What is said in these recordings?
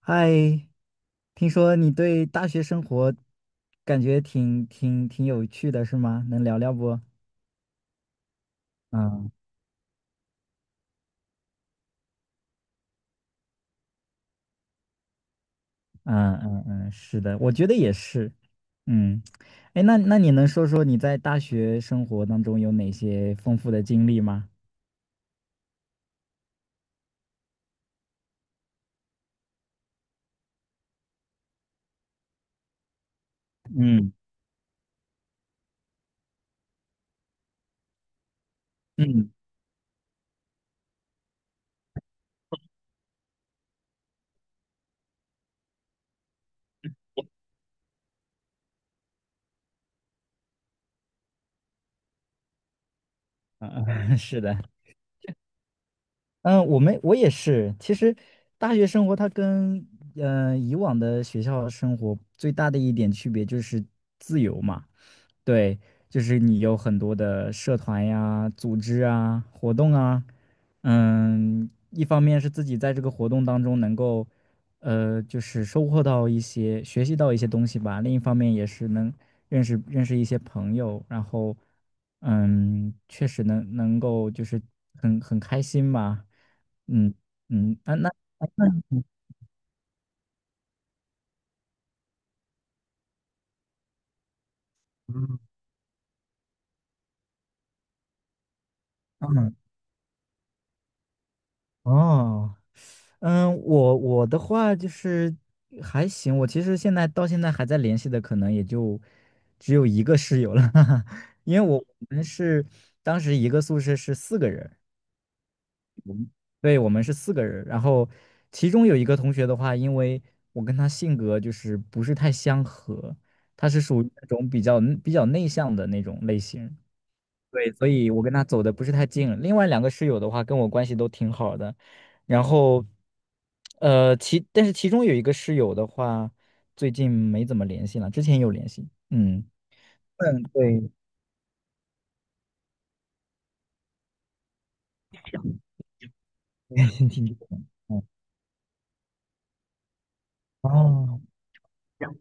嗨，听说你对大学生活感觉挺有趣的，是吗？能聊聊不？嗯嗯嗯嗯，是的，我觉得也是。嗯。哎，那你能说说你在大学生活当中有哪些丰富的经历吗？嗯嗯嗯，嗯 是的。嗯，我也是。其实大学生活它跟以往的学校生活最大的一点区别就是自由嘛。对，就是你有很多的社团呀、组织啊、活动啊。嗯，一方面是自己在这个活动当中能够，就是收获到一些、学习到一些东西吧；另一方面也是能认识认识一些朋友。然后，嗯，确实能够就是很开心吧。嗯嗯，啊那啊那嗯，嗯哦。嗯，我的话就是还行。我其实现在到现在还在联系的，可能也就只有一个室友了，哈哈。因为我们是当时一个宿舍是四个人。对，我们是四个人，然后其中有一个同学的话，因为我跟他性格就是不是太相合。他是属于那种比较内向的那种类型。对，所以我跟他走的不是太近。另外两个室友的话，跟我关系都挺好的。然后，但是其中有一个室友的话，最近没怎么联系了，之前有联系。嗯，嗯，对。挺久的。嗯，哦，这样。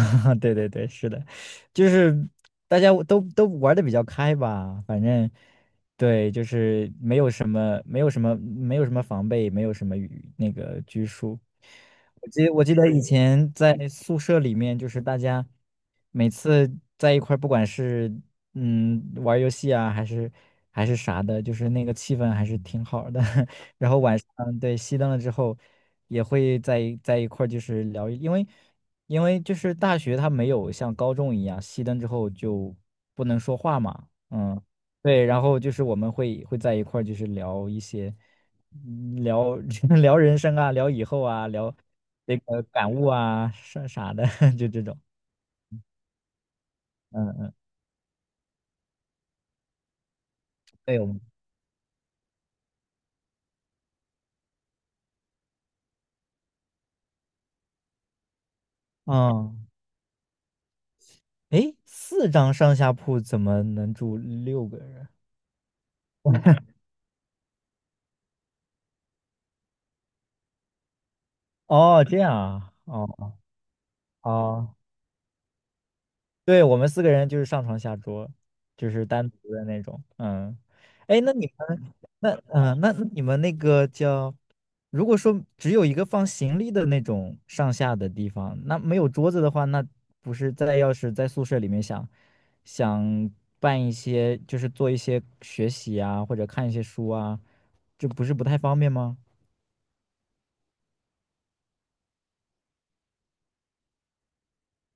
对对对，是的，就是大家都玩的比较开吧。反正对，就是没有什么防备，没有什么与那个拘束。我记得以前在宿舍里面，就是大家每次在一块儿，不管是玩游戏啊，还是啥的，就是那个气氛还是挺好的。然后晚上，对，熄灯了之后，也会在一块儿就是聊，因为。因为就是大学它没有像高中一样熄灯之后就不能说话嘛。嗯，对，然后就是我们会在一块儿就是聊一些，聊 聊人生啊，聊以后啊，聊那个感悟啊，啥啥的。就这种。嗯嗯，对，我们，嗯，诶，四张上下铺怎么能住六个人？哦，这样啊，哦哦。对，我们四个人就是上床下桌，就是单独的那种。嗯，哎，那你们，那那你们那个叫，如果说只有一个放行李的那种上下的地方，那没有桌子的话，那不是在要是在宿舍里面想办一些，就是做一些学习啊，或者看一些书啊，这不是不太方便吗？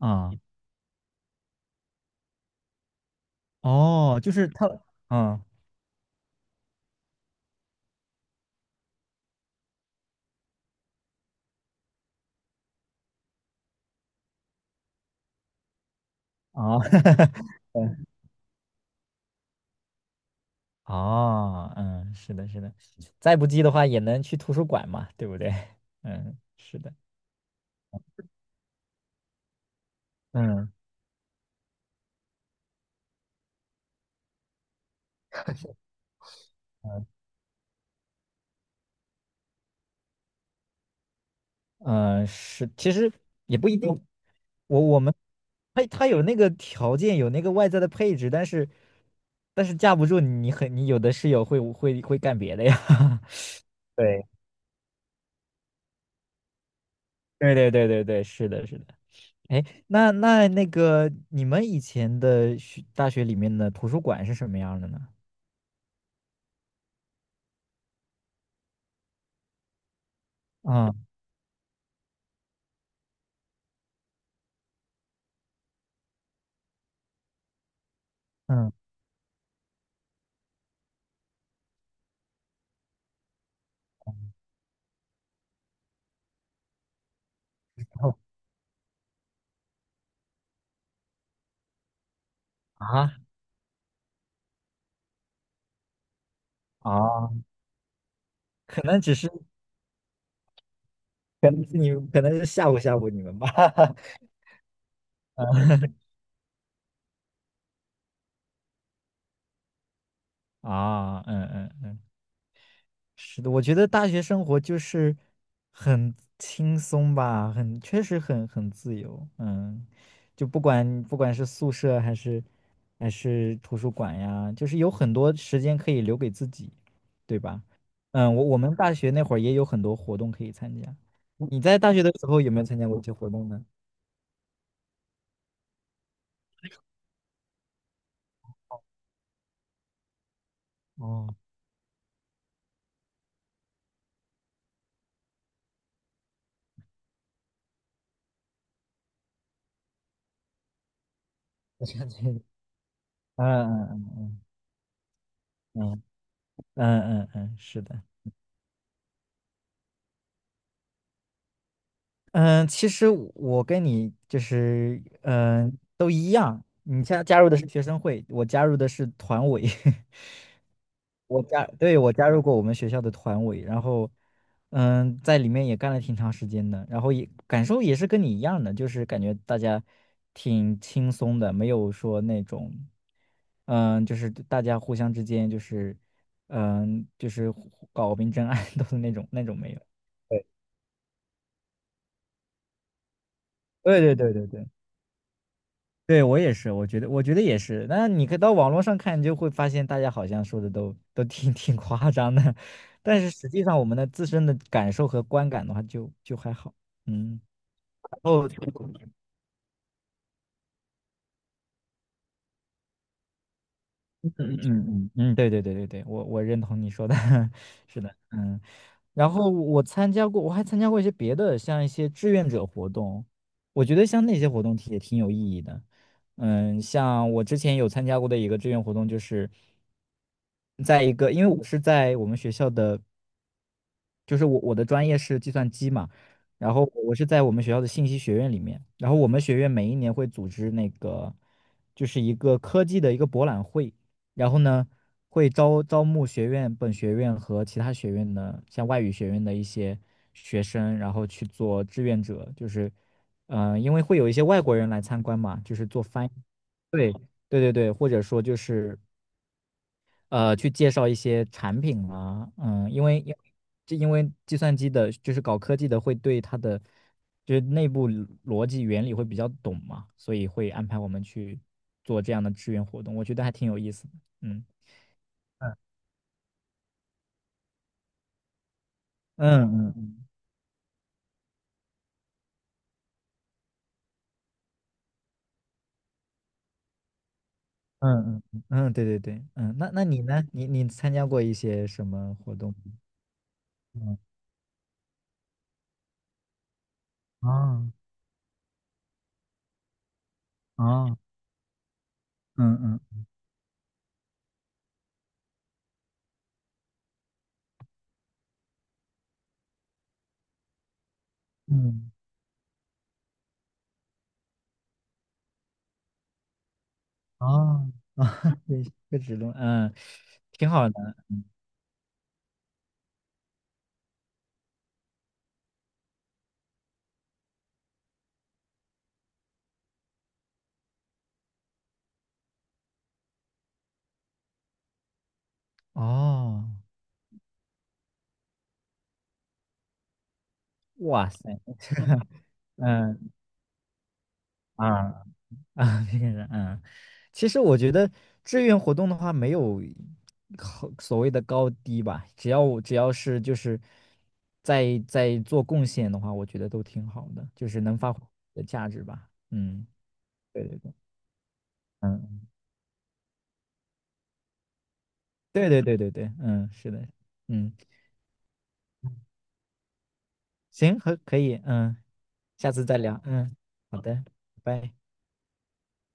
啊、哦，就是他，嗯啊。哦，嗯，是的，是的，再不济的话也能去图书馆嘛，对不对？嗯，是的，嗯嗯嗯，是，其实也不一定。我我们，他有那个条件，有那个外在的配置，但是架不住你很，你有的室友会干别的呀。对对对对对对，是的，是的。哎，那个你们以前的大学里面的图书馆是什么样的呢？嗯嗯，哦啊。啊可能只是，可能是你，可能是吓唬吓唬你们吧。啊，嗯嗯嗯，是的，我觉得大学生活就是很轻松吧，很，确实很自由。嗯，就不管是宿舍还是图书馆呀，就是有很多时间可以留给自己，对吧？嗯，我们大学那会儿也有很多活动可以参加。你在大学的时候有没有参加过一些活动呢？哦，我想起，嗯嗯嗯嗯。嗯嗯嗯嗯，是的，嗯，其实我跟你就是都一样，你加入的是学生会，我加入的是团委。对，我加入过我们学校的团委，然后在里面也干了挺长时间的。然后也感受也是跟你一样的，就是感觉大家挺轻松的，没有说那种就是大家互相之间就是就是搞明争 暗斗的那种没有。对对对对对对对，我也是，我觉得也是。那你可以到网络上看，你就会发现大家好像说的都挺夸张的，但是实际上我们的自身的感受和观感的话就还好。嗯，哦，嗯嗯嗯嗯，对对对对对，我认同你说的。是的，嗯。然后我还参加过一些别的，像一些志愿者活动，我觉得像那些活动也挺有意义的。嗯，像我之前有参加过的一个志愿活动，就是在一个，因为我是在我们学校的。就是我的专业是计算机嘛，然后我是在我们学校的信息学院里面，然后我们学院每一年会组织那个就是一个科技的一个博览会。然后呢会招募本学院和其他学院的像外语学院的一些学生，然后去做志愿者，就是因为会有一些外国人来参观嘛，就是做翻译。对对对对，或者说就是。呃，去介绍一些产品啊。嗯，因为计算机的，就是搞科技的，会对它的就是内部逻辑原理会比较懂嘛，所以会安排我们去做这样的志愿活动，我觉得还挺有意思的。嗯嗯嗯嗯嗯嗯，嗯，对对对，嗯，那你呢？你参加过一些什么活动？嗯啊啊嗯嗯嗯啊啊，对，科职论，嗯，挺好的哦。哇塞，嗯啊啊，这个人，嗯，其实我觉得志愿活动的话，没有好所谓的高低吧，只要是就是在做贡献的话，我觉得都挺好的，就是能发挥自己的价值吧。嗯，对对对，嗯，对对对对对，嗯，是的，嗯，行，可以，嗯，下次再聊，嗯，好的，拜拜。